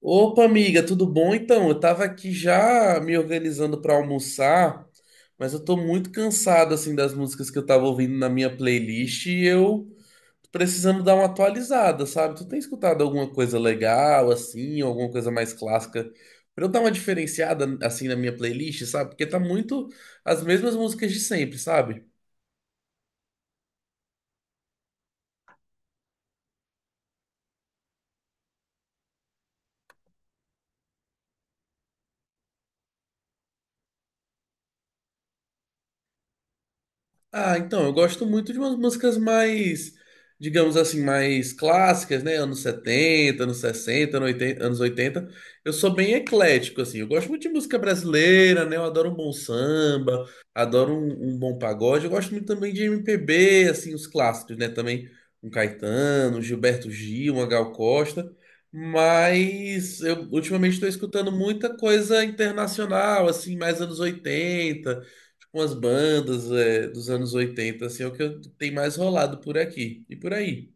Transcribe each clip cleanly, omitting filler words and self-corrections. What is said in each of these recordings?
Opa, amiga, tudo bom? Então, eu tava aqui já me organizando pra almoçar, mas eu tô muito cansado assim das músicas que eu tava ouvindo na minha playlist e eu tô precisando dar uma atualizada, sabe? Tu tem escutado alguma coisa legal assim, ou alguma coisa mais clássica pra eu dar uma diferenciada assim na minha playlist, sabe? Porque tá muito as mesmas músicas de sempre, sabe? Ah, então, eu gosto muito de umas músicas mais, digamos assim, mais clássicas, né? anos 70, anos 60, anos 80. Anos 80. Eu sou bem eclético, assim. Eu gosto muito de música brasileira, né? Eu adoro um bom samba, adoro um bom pagode. Eu gosto muito também de MPB, assim, os clássicos, né? Também um Caetano, um Gilberto Gil, uma Gal Costa. Mas eu ultimamente estou escutando muita coisa internacional, assim, mais anos 80, umas bandas dos anos 80 assim, é o que tem mais rolado por aqui e por aí.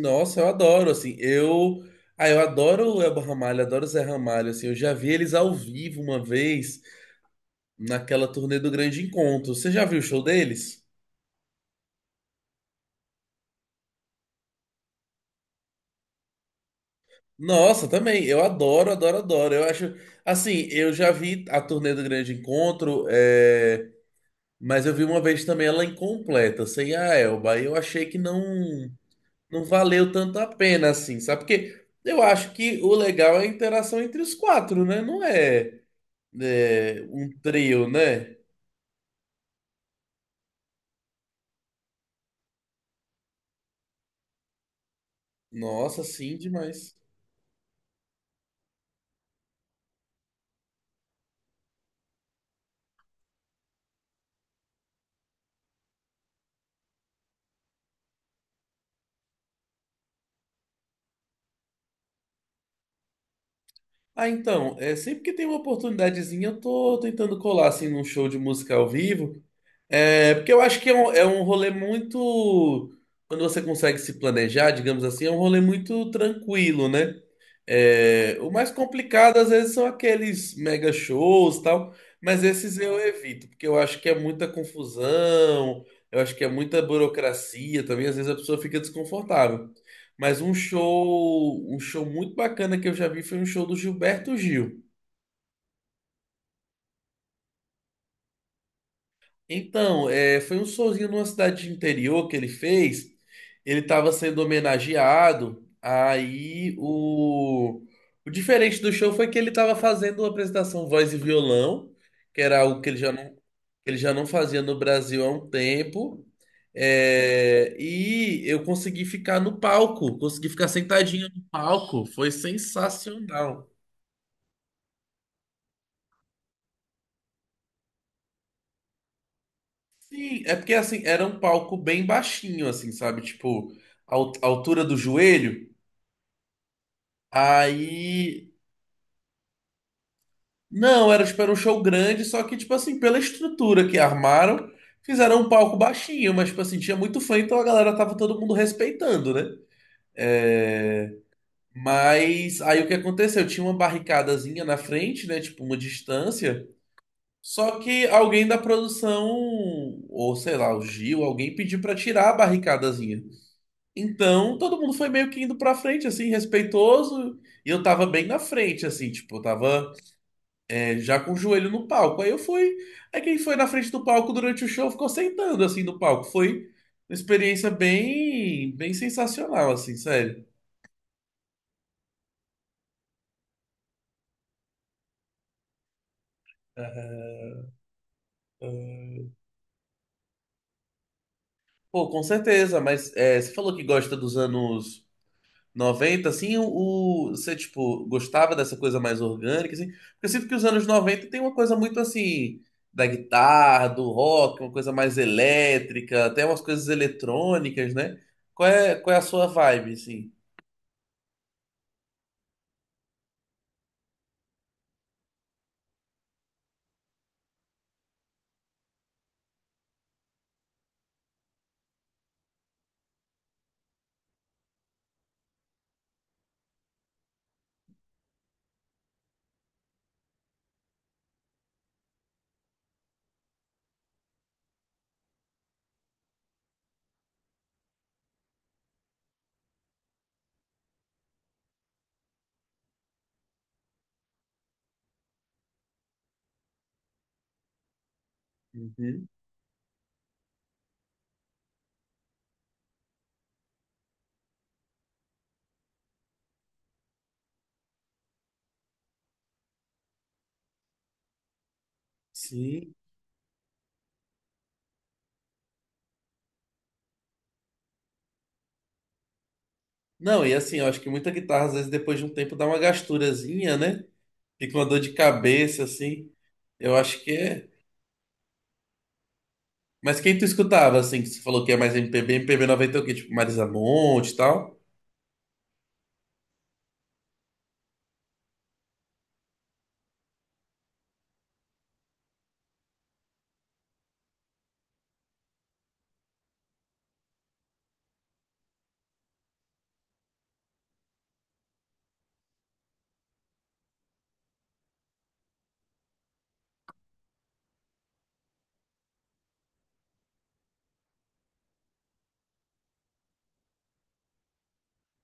Nossa, eu adoro, assim, eu... Ah, eu adoro o Elba Ramalho, adoro o Zé Ramalho, assim, eu já vi eles ao vivo uma vez naquela turnê do Grande Encontro. Você já viu o show deles? Nossa, também, eu adoro, adoro, adoro. Eu acho, assim, eu já vi a turnê do Grande Encontro, mas eu vi uma vez também ela incompleta, sem a Elba, e eu achei que não... não valeu tanto a pena assim, sabe? Porque eu acho que o legal é a interação entre os 4, né? Não é, é, um trio, né? Nossa, sim, demais. Ah, então, é, sempre que tem uma oportunidadezinha, eu tô tentando colar assim num show de música ao vivo. É, porque eu acho que é um rolê muito. Quando você consegue se planejar, digamos assim, é um rolê muito tranquilo, né? É, o mais complicado, às vezes, são aqueles mega shows e tal, mas esses eu evito, porque eu acho que é muita confusão, eu acho que é muita burocracia também, às vezes a pessoa fica desconfortável. Mas um show muito bacana que eu já vi foi um show do Gilberto Gil. Então, é, foi um showzinho numa cidade de interior que ele fez. Ele estava sendo homenageado. Aí o diferente do show foi que ele estava fazendo uma apresentação voz e violão, que era algo que ele já não fazia no Brasil há um tempo. É, e eu consegui ficar no palco, consegui ficar sentadinho no palco. Foi sensacional. Sim, é porque assim, era um palco bem baixinho, assim, sabe? Tipo, a altura do joelho. Aí. Não, era tipo, era um show grande, só que, tipo assim, pela estrutura que armaram, fizeram um palco baixinho, mas, tipo assim, tinha muito fã, então a galera tava todo mundo respeitando, né? É, mas aí o que aconteceu? Tinha uma barricadazinha na frente, né? Tipo, uma distância. Só que alguém da produção, ou sei lá, o Gil, alguém pediu pra tirar a barricadazinha. Então, todo mundo foi meio que indo pra frente, assim, respeitoso. E eu tava bem na frente, assim, tipo, eu tava já com o joelho no palco. Aí eu fui. Aí quem foi na frente do palco durante o show ficou sentando, assim, no palco. Foi uma experiência bem, bem sensacional, assim, sério. Aham. Pô, com certeza, mas é, você falou que gosta dos anos. Noventa assim, você, tipo, gostava dessa coisa mais orgânica, assim? Porque eu sinto que os anos 90 tem uma coisa muito, assim, da guitarra, do rock, uma coisa mais elétrica, até umas coisas eletrônicas, né? Qual é a sua vibe, assim? Uhum. Sim. Não, e assim, eu acho que muita guitarra, às vezes, depois de um tempo, dá uma gasturazinha, né? Fica uma dor de cabeça, assim. Eu acho que é. Mas quem tu escutava, assim, que você falou que é mais MPB, MPB 90 é o quê? Tipo, Marisa Monte e tal?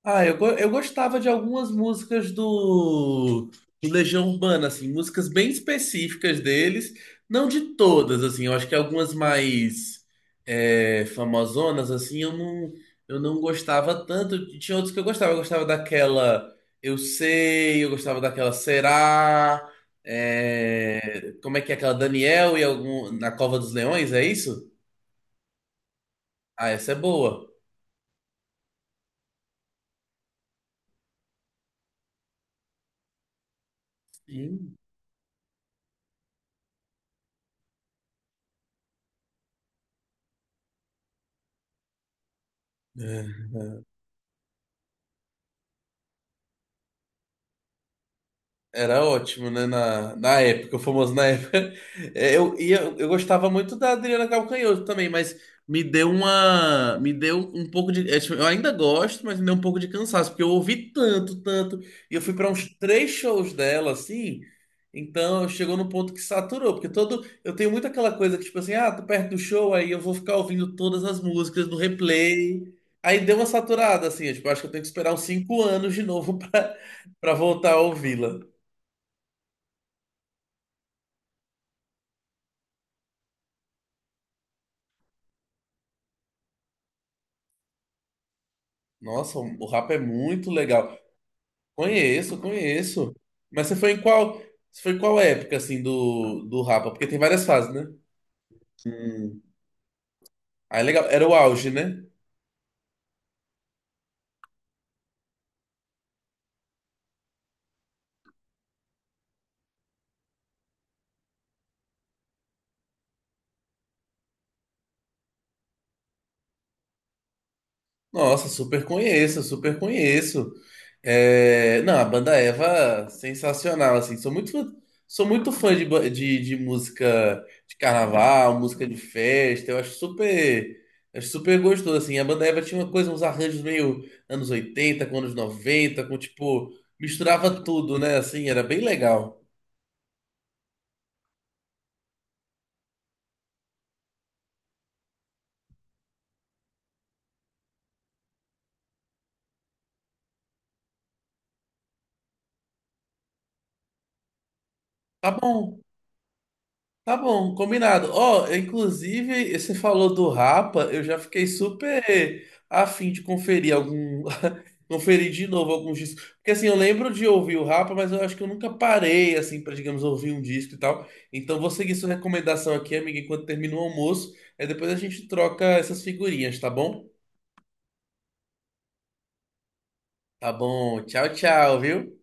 Ah, eu gostava de algumas músicas do Legião Urbana, assim, músicas bem específicas deles, não de todas, assim, eu acho que algumas mais famosonas, assim, eu não gostava tanto, e tinha outros que eu gostava daquela Eu Sei, eu gostava daquela Será, é, como é que é aquela Daniel e algum, Na Cova dos Leões, é isso? Ah, essa é boa. Sim. Era ótimo, né? Na época, o famoso na época. É, eu gostava muito da Adriana Calcanhoto também, mas me deu uma. Me deu um pouco de. É, tipo, eu ainda gosto, mas me deu um pouco de cansaço, porque eu ouvi tanto, tanto. E eu fui para uns 3 shows dela, assim. Então chegou no ponto que saturou, porque todo. Eu tenho muito aquela coisa que, tipo assim, ah, tô perto do show, aí eu vou ficar ouvindo todas as músicas no replay. Aí deu uma saturada, assim, eu, tipo, acho que eu tenho que esperar uns 5 anos de novo pra voltar a ouvi-la. Nossa, o rap é muito legal. Conheço, conheço. Mas você foi em qual época assim do rapa? Porque tem várias fases, né? Hum. Ah, é legal. Era o auge, né? Nossa, super conheço, super conheço. É, não, a banda Eva, sensacional, assim. Sou muito, sou muito fã de música de carnaval, música de festa. Eu acho super gostoso, assim. A banda Eva tinha uma coisa, uns arranjos meio anos 80 com anos 90, com tipo, misturava tudo, né? Assim, era bem legal. Tá bom. Tá bom, combinado. Ó, inclusive, você falou do Rapa, eu já fiquei super afim de conferir algum. Conferir de novo alguns discos. Porque assim, eu lembro de ouvir o Rapa, mas eu acho que eu nunca parei, assim, pra, digamos, ouvir um disco e tal. Então vou seguir sua recomendação aqui, amiga, enquanto termina o almoço. Aí depois a gente troca essas figurinhas, tá bom? Tá bom. Tchau, tchau, viu?